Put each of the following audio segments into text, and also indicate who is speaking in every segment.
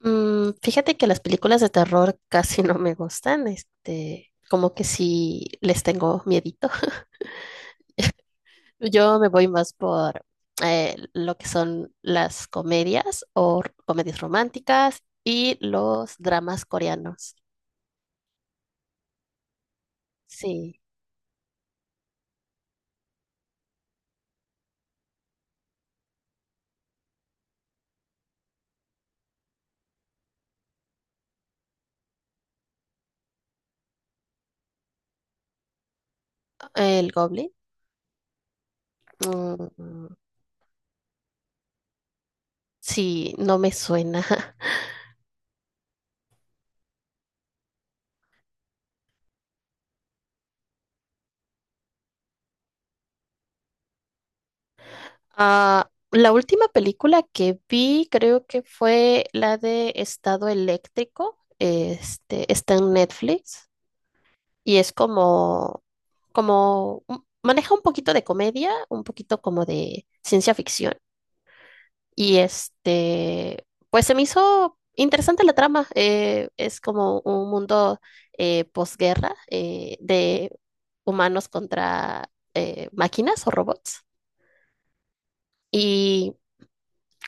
Speaker 1: Mm, fíjate que las películas de terror casi no me gustan, este, como que sí les tengo miedito. Yo me voy más por lo que son las comedias o comedias románticas y los dramas coreanos. Sí, el Goblin. mm, sí, no me suena. Ah, la última película que vi creo que fue la de Estado Eléctrico. Este, está en Netflix. Y es como, como, maneja un poquito de comedia, un poquito como de ciencia ficción. Y este, pues se me hizo interesante la trama. Es como un mundo posguerra, de humanos contra máquinas o robots. Y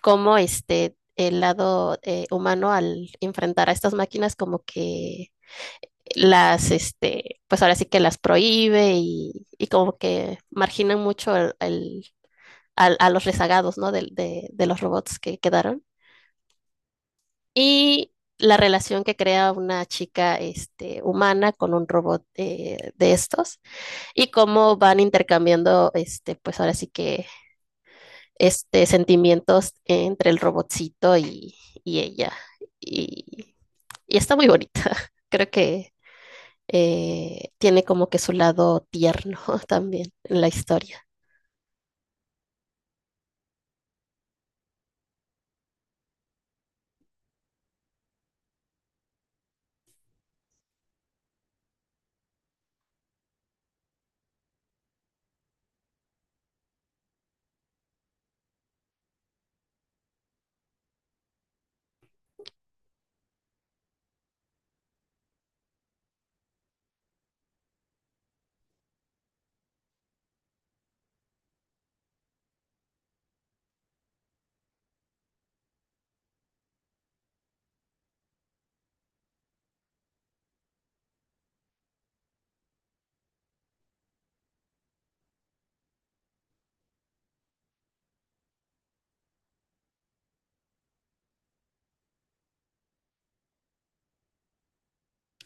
Speaker 1: cómo este, el lado humano, al enfrentar a estas máquinas, como que este, pues ahora sí que las prohíbe, y como que marginan mucho a los rezagados, ¿no? De los robots que quedaron. Y la relación que crea una chica, este, humana con un robot de estos, y cómo van intercambiando, este, pues ahora sí que, este, sentimientos entre el robotcito y ella. Y, y está muy bonita. Creo que tiene como que su lado tierno también en la historia.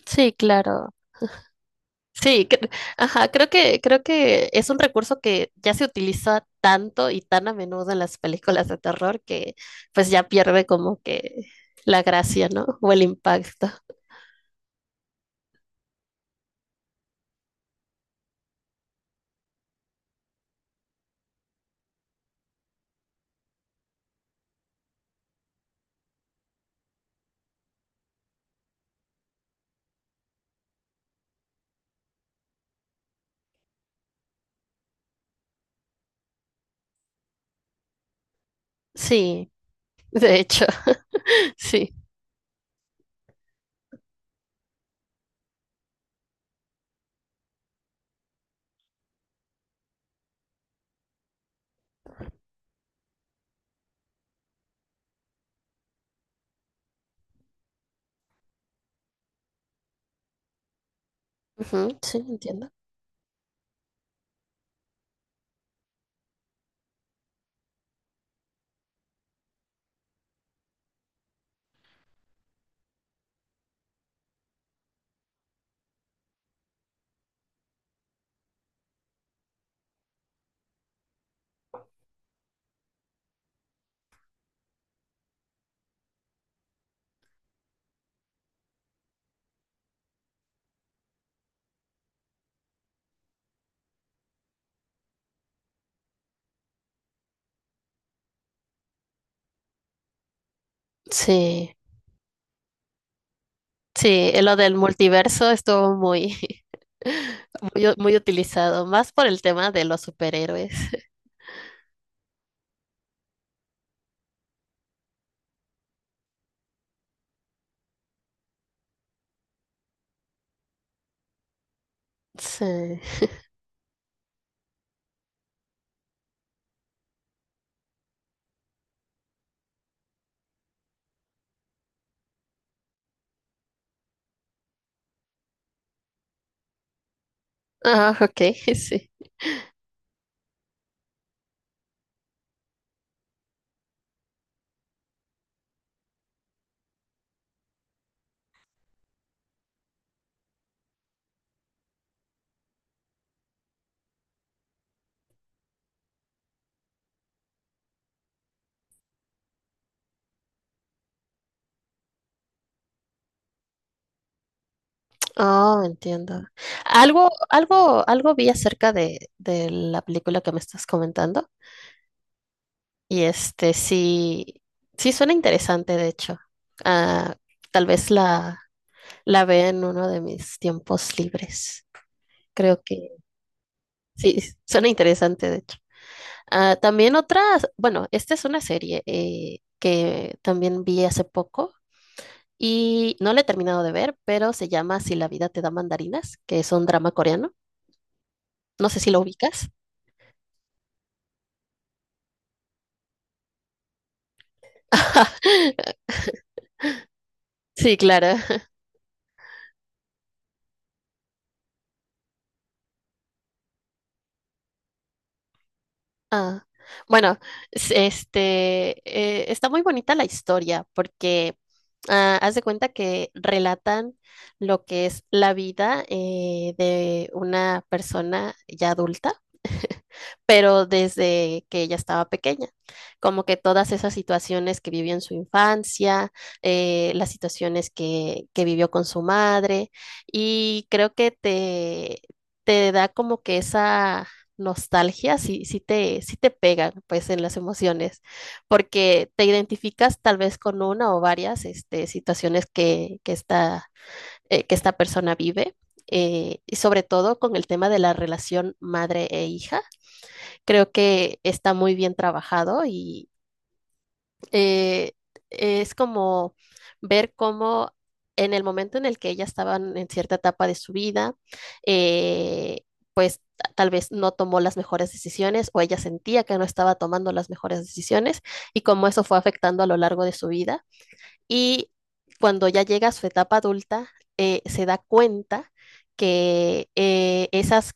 Speaker 1: Sí, claro. Sí, cre- ajá, creo que es un recurso que ya se utiliza tanto y tan a menudo en las películas de terror que pues ya pierde como que la gracia, ¿no? O el impacto. Sí, de hecho, sí. Ujú, sí, entiendo. Sí, sí, lo del multiverso estuvo muy, muy, muy utilizado, más por el tema de los superhéroes. Sí. Ah, ok, sí. Oh, entiendo. Algo, algo, algo vi acerca de la película que me estás comentando. Y este sí, sí suena interesante, de hecho. Ah, tal vez la vea en uno de mis tiempos libres. Creo que sí, suena interesante, de hecho. Ah, también otras, bueno, esta es una serie que también vi hace poco y no la he terminado de ver, pero se llama Si la vida te da mandarinas, que es un drama coreano. No sé si lo ubicas. Sí, claro. Ah, bueno, este, está muy bonita la historia porque, ah, haz de cuenta que relatan lo que es la vida de una persona ya adulta, pero desde que ella estaba pequeña, como que todas esas situaciones que vivió en su infancia, las situaciones que vivió con su madre, y creo que te da como que esa nostalgia. Sí, sí te pegan pues en las emociones, porque te identificas tal vez con una o varias este, situaciones que esta persona vive. Y sobre todo con el tema de la relación madre e hija, creo que está muy bien trabajado y, eh, es como ver cómo en el momento en el que ellas estaban en cierta etapa de su vida, eh, pues tal vez no tomó las mejores decisiones, o ella sentía que no estaba tomando las mejores decisiones, y cómo eso fue afectando a lo largo de su vida. Y cuando ya llega a su etapa adulta, se da cuenta que esas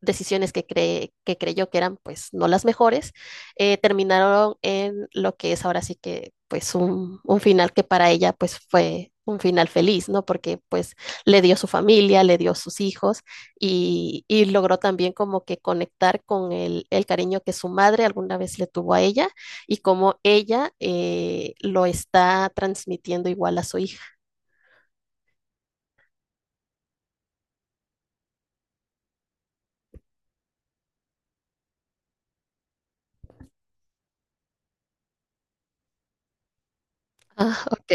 Speaker 1: decisiones que, cree, que creyó que eran pues no las mejores, terminaron en lo que es ahora sí que pues un final que para ella pues fue un final feliz, ¿no? Porque pues le dio su familia, le dio sus hijos, y logró también como que conectar con el cariño que su madre alguna vez le tuvo a ella, y cómo ella lo está transmitiendo igual a su hija. Ah, ok.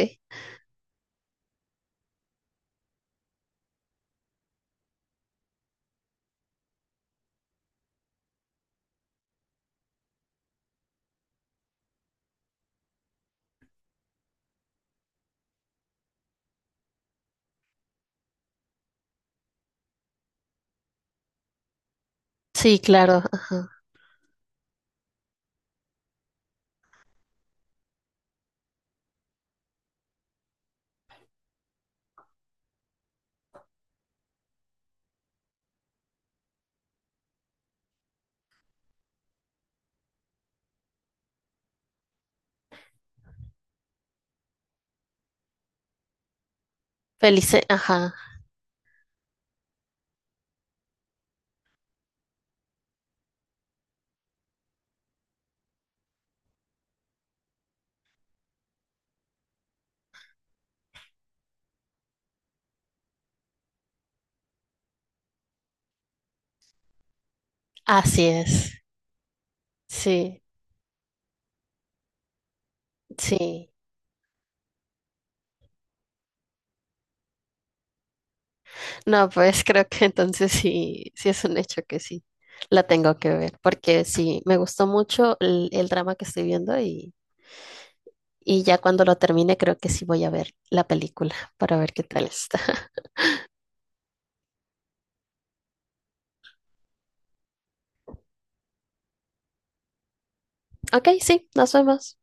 Speaker 1: Sí, claro. Ah, Felice, ajá. Así es. Sí, sí. No, pues creo que entonces sí, sí es un hecho que sí. La tengo que ver, porque sí, me gustó mucho el drama que estoy viendo, y ya cuando lo termine creo que sí voy a ver la película para ver qué tal está. Ok, sí, nos vemos.